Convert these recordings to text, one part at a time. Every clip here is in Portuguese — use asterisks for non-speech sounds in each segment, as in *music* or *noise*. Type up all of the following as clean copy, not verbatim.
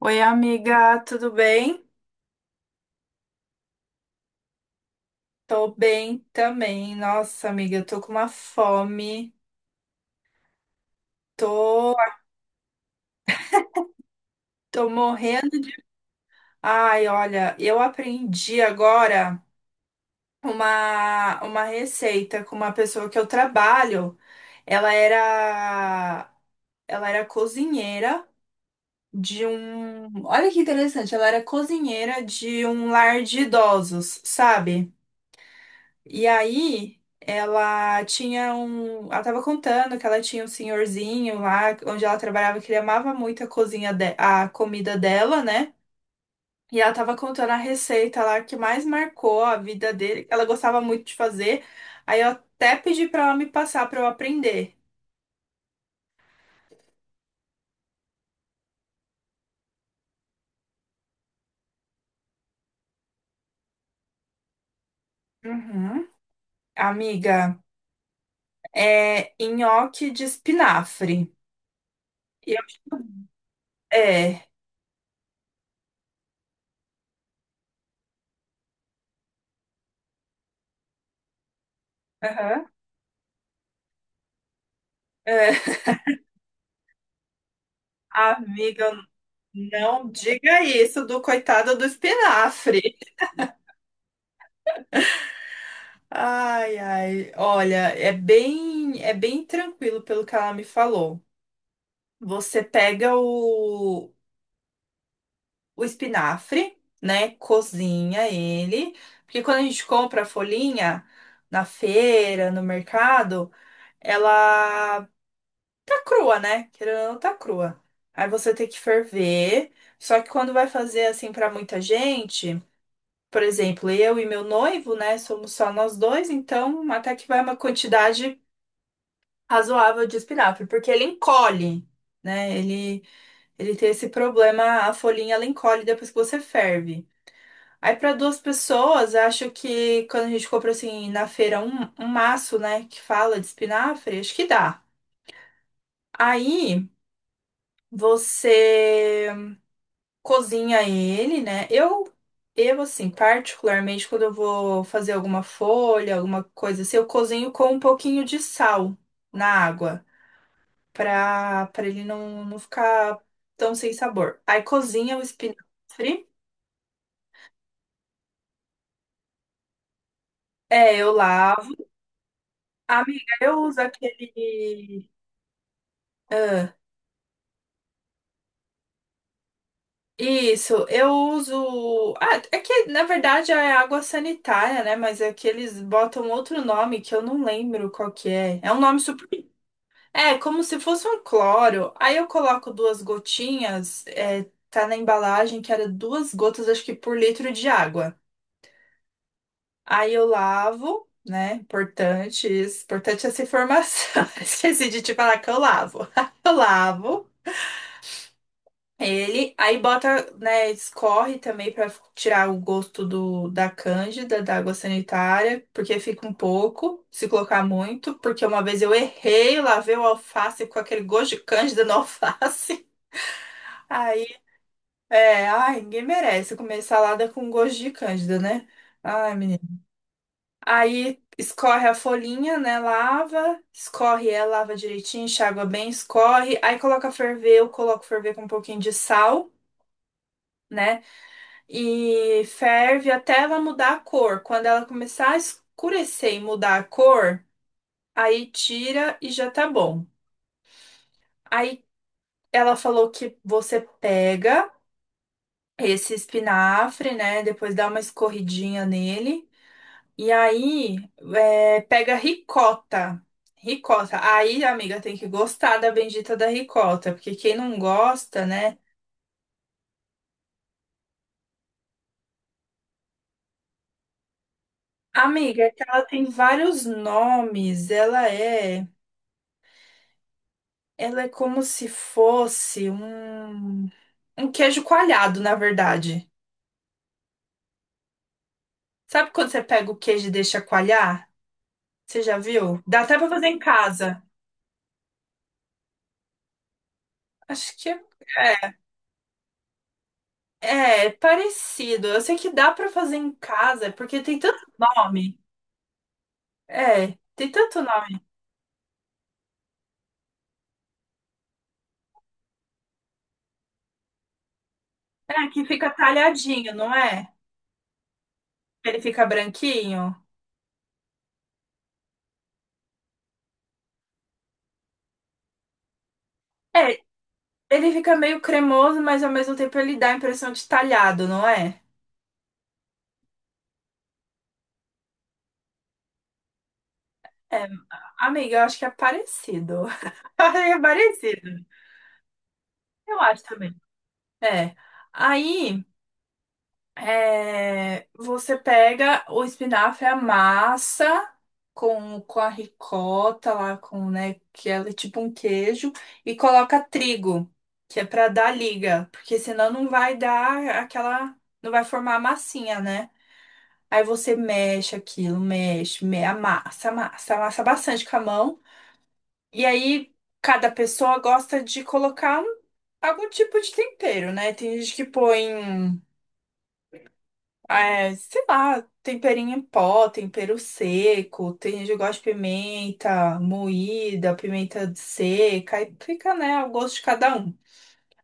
Oi, amiga, tudo bem? Tô bem também. Nossa, amiga, eu tô com uma fome. Tô, tô morrendo de. Ai, olha, eu aprendi agora uma receita com uma pessoa que eu trabalho. Ela era, ela era cozinheira de um. Olha que interessante, ela era cozinheira de um lar de idosos, sabe? E aí, ela tinha um. Ela tava contando que ela tinha um senhorzinho lá, onde ela trabalhava, que ele amava muito a cozinha de a comida dela, né? E ela tava contando a receita lá que mais marcou a vida dele, que ela gostava muito de fazer. Aí eu até pedi pra ela me passar pra eu aprender. Uhum. Amiga, é nhoque de espinafre. E eu- É. Aham. É. *laughs* Amiga, não diga isso do coitado do espinafre. Ai, ai, olha, é bem tranquilo pelo que ela me falou. Você pega o espinafre, né? Cozinha ele, porque quando a gente compra a folhinha na feira, no mercado, ela tá crua, né? Querendo ou não, tá crua. Aí você tem que ferver. Só que quando vai fazer assim pra muita gente, por exemplo, eu e meu noivo, né, somos só nós dois, então até que vai uma quantidade razoável de espinafre, porque ele encolhe, né? Ele tem esse problema, a folhinha ela encolhe depois que você ferve. Aí para duas pessoas, eu acho que quando a gente compra assim na feira um maço, né, que fala de espinafre, acho que dá. Aí você cozinha ele, né? Eu assim, particularmente, quando eu vou fazer alguma folha, alguma coisa assim, eu cozinho com um pouquinho de sal na água, pra ele não ficar tão sem sabor. Aí cozinha o espinafre, é, eu lavo. Amiga, eu uso aquele. ah, Isso, eu uso. Ah, é que na verdade é água sanitária, né? Mas é que eles botam outro nome que eu não lembro qual que é. É um nome super é, como se fosse um cloro. Aí eu coloco duas gotinhas, tá na embalagem que era duas gotas, acho que por litro de água. Aí eu lavo, né? Importante isso. Importante essa informação. *laughs* Esqueci de te falar que eu lavo. *laughs* Eu lavo. Ele, aí bota, né, escorre também pra tirar o gosto do, da cândida, da água sanitária, porque fica um pouco, se colocar muito, porque uma vez eu errei, lavei o alface com aquele gosto de cândida no alface. *laughs* Aí, ai, ninguém merece comer salada com gosto de cândida, né? Ai, menina. Aí escorre a folhinha, né? Lava, escorre ela, lava direitinho, enxágua bem, escorre. Aí coloca a ferver, eu coloco ferver com um pouquinho de sal, né? E ferve até ela mudar a cor. Quando ela começar a escurecer e mudar a cor, aí tira e já tá bom. Aí ela falou que você pega esse espinafre, né? Depois dá uma escorridinha nele. E aí pega ricota. Ricota. Aí, amiga, tem que gostar da bendita da ricota, porque quem não gosta, né? Amiga, é que ela tem vários nomes. Ela é. Ela é como se fosse um queijo coalhado, na verdade. Sabe quando você pega o queijo e deixa coalhar? Você já viu? Dá até pra fazer em casa. Acho que é, é parecido. Eu sei que dá pra fazer em casa, porque tem tanto nome. É, tem tanto nome. É, que fica talhadinho, não é? Ele fica branquinho. É, ele fica meio cremoso, mas ao mesmo tempo ele dá a impressão de talhado, não é? É, amiga, eu acho que é parecido. *laughs* É parecido. Eu acho também. É. Aí, você pega o espinafre, amassa com a ricota lá, com, né, que ela é tipo um queijo, e coloca trigo, que é pra dar liga, porque senão não vai dar aquela, não vai formar a massinha, né? Aí você mexe aquilo, amassa, amassa, amassa bastante com a mão. E aí, cada pessoa gosta de colocar algum tipo de tempero, né? Tem gente que põe, é, sei lá, temperinho em pó, tempero seco. Tem gente que gosta de pimenta moída, pimenta seca. Aí fica, né, ao gosto de cada um.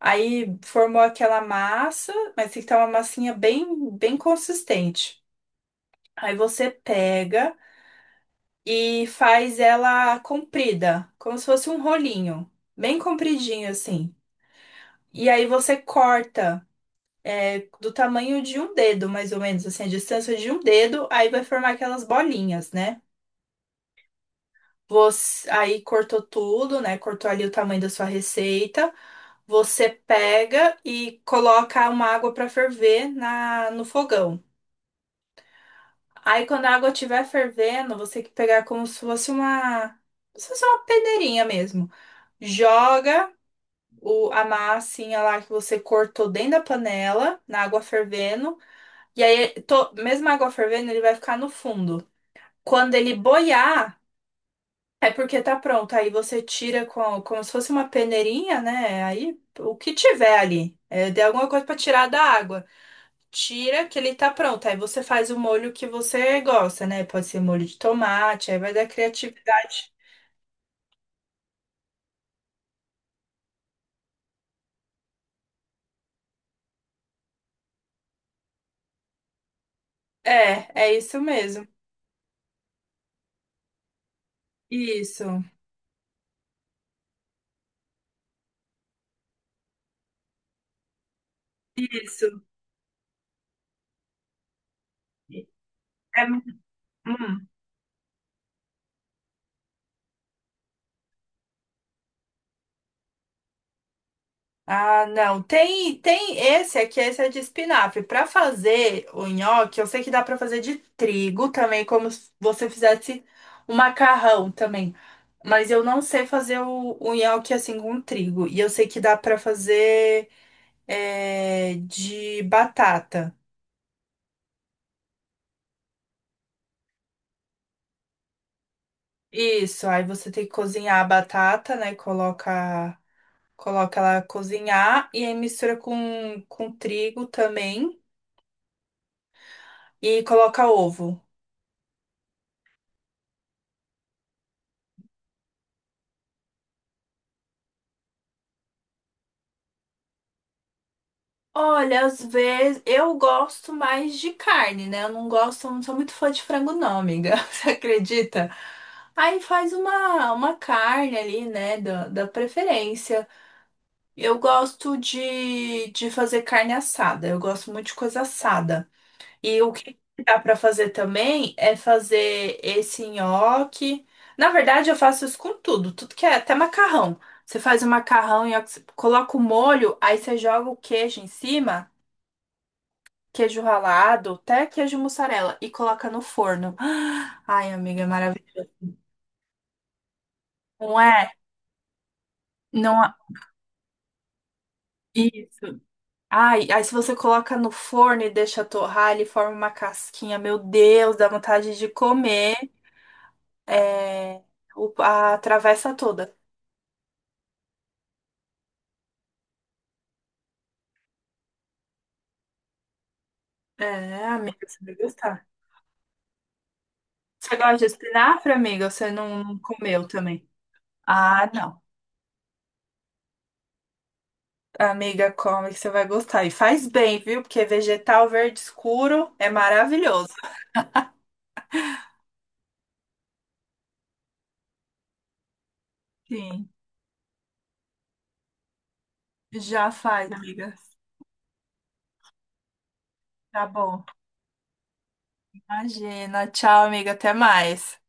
Aí formou aquela massa, mas tem que estar uma massinha bem consistente. Aí você pega e faz ela comprida, como se fosse um rolinho, bem compridinho assim. E aí você corta é, do tamanho de um dedo, mais ou menos, assim, a distância de um dedo, aí vai formar aquelas bolinhas, né? Você, aí cortou tudo, né? Cortou ali o tamanho da sua receita. Você pega e coloca uma água para ferver no fogão. Aí quando a água estiver fervendo, você tem que pegar como se fosse uma peneirinha mesmo. Joga a massinha lá que você cortou dentro da panela, na água fervendo. E aí, mesmo a água fervendo, ele vai ficar no fundo. Quando ele boiar, é porque tá pronto. Aí você tira com, como se fosse uma peneirinha, né? Aí o que tiver ali. É, de alguma coisa pra tirar da água. Tira que ele tá pronto. Aí você faz o molho que você gosta, né? Pode ser molho de tomate, aí vai da criatividade. É, é isso mesmo. Isso, isso. É, hum. Ah, não. Tem esse aqui, esse é de espinafre. Para fazer o nhoque, eu sei que dá para fazer de trigo também, como se você fizesse um macarrão também. Mas eu não sei fazer o nhoque assim com trigo. E eu sei que dá para fazer é, de batata. Isso, aí você tem que cozinhar a batata, né? Coloca ela cozinhar e aí mistura com trigo também e coloca ovo. Olha, às vezes eu gosto mais de carne, né? Eu não gosto, não sou muito fã de frango, não, amiga. *laughs* Você acredita? Aí faz uma carne ali, né? Da preferência. Eu gosto de fazer carne assada. Eu gosto muito de coisa assada. E o que dá pra fazer também é fazer esse nhoque. Na verdade, eu faço isso com tudo, tudo que é, até macarrão. Você faz o macarrão, nhoque, você coloca o molho, aí você joga o queijo em cima, queijo ralado, até queijo mussarela e coloca no forno. *gasps* Ai, amiga, é maravilhoso. Não é? Não é isso. Ai, aí se você coloca no forno e deixa torrar, ele forma uma casquinha. Meu Deus, dá vontade de comer é, o- a travessa toda. É, amiga, você vai gostar. Você gosta de espinafre, amiga? Ou você não comeu também? Ah, não. Amiga, come que você vai gostar. E faz bem, viu? Porque vegetal verde escuro é maravilhoso. Sim. Já faz, amiga. Tá bom. Imagina. Tchau, amiga. Até mais.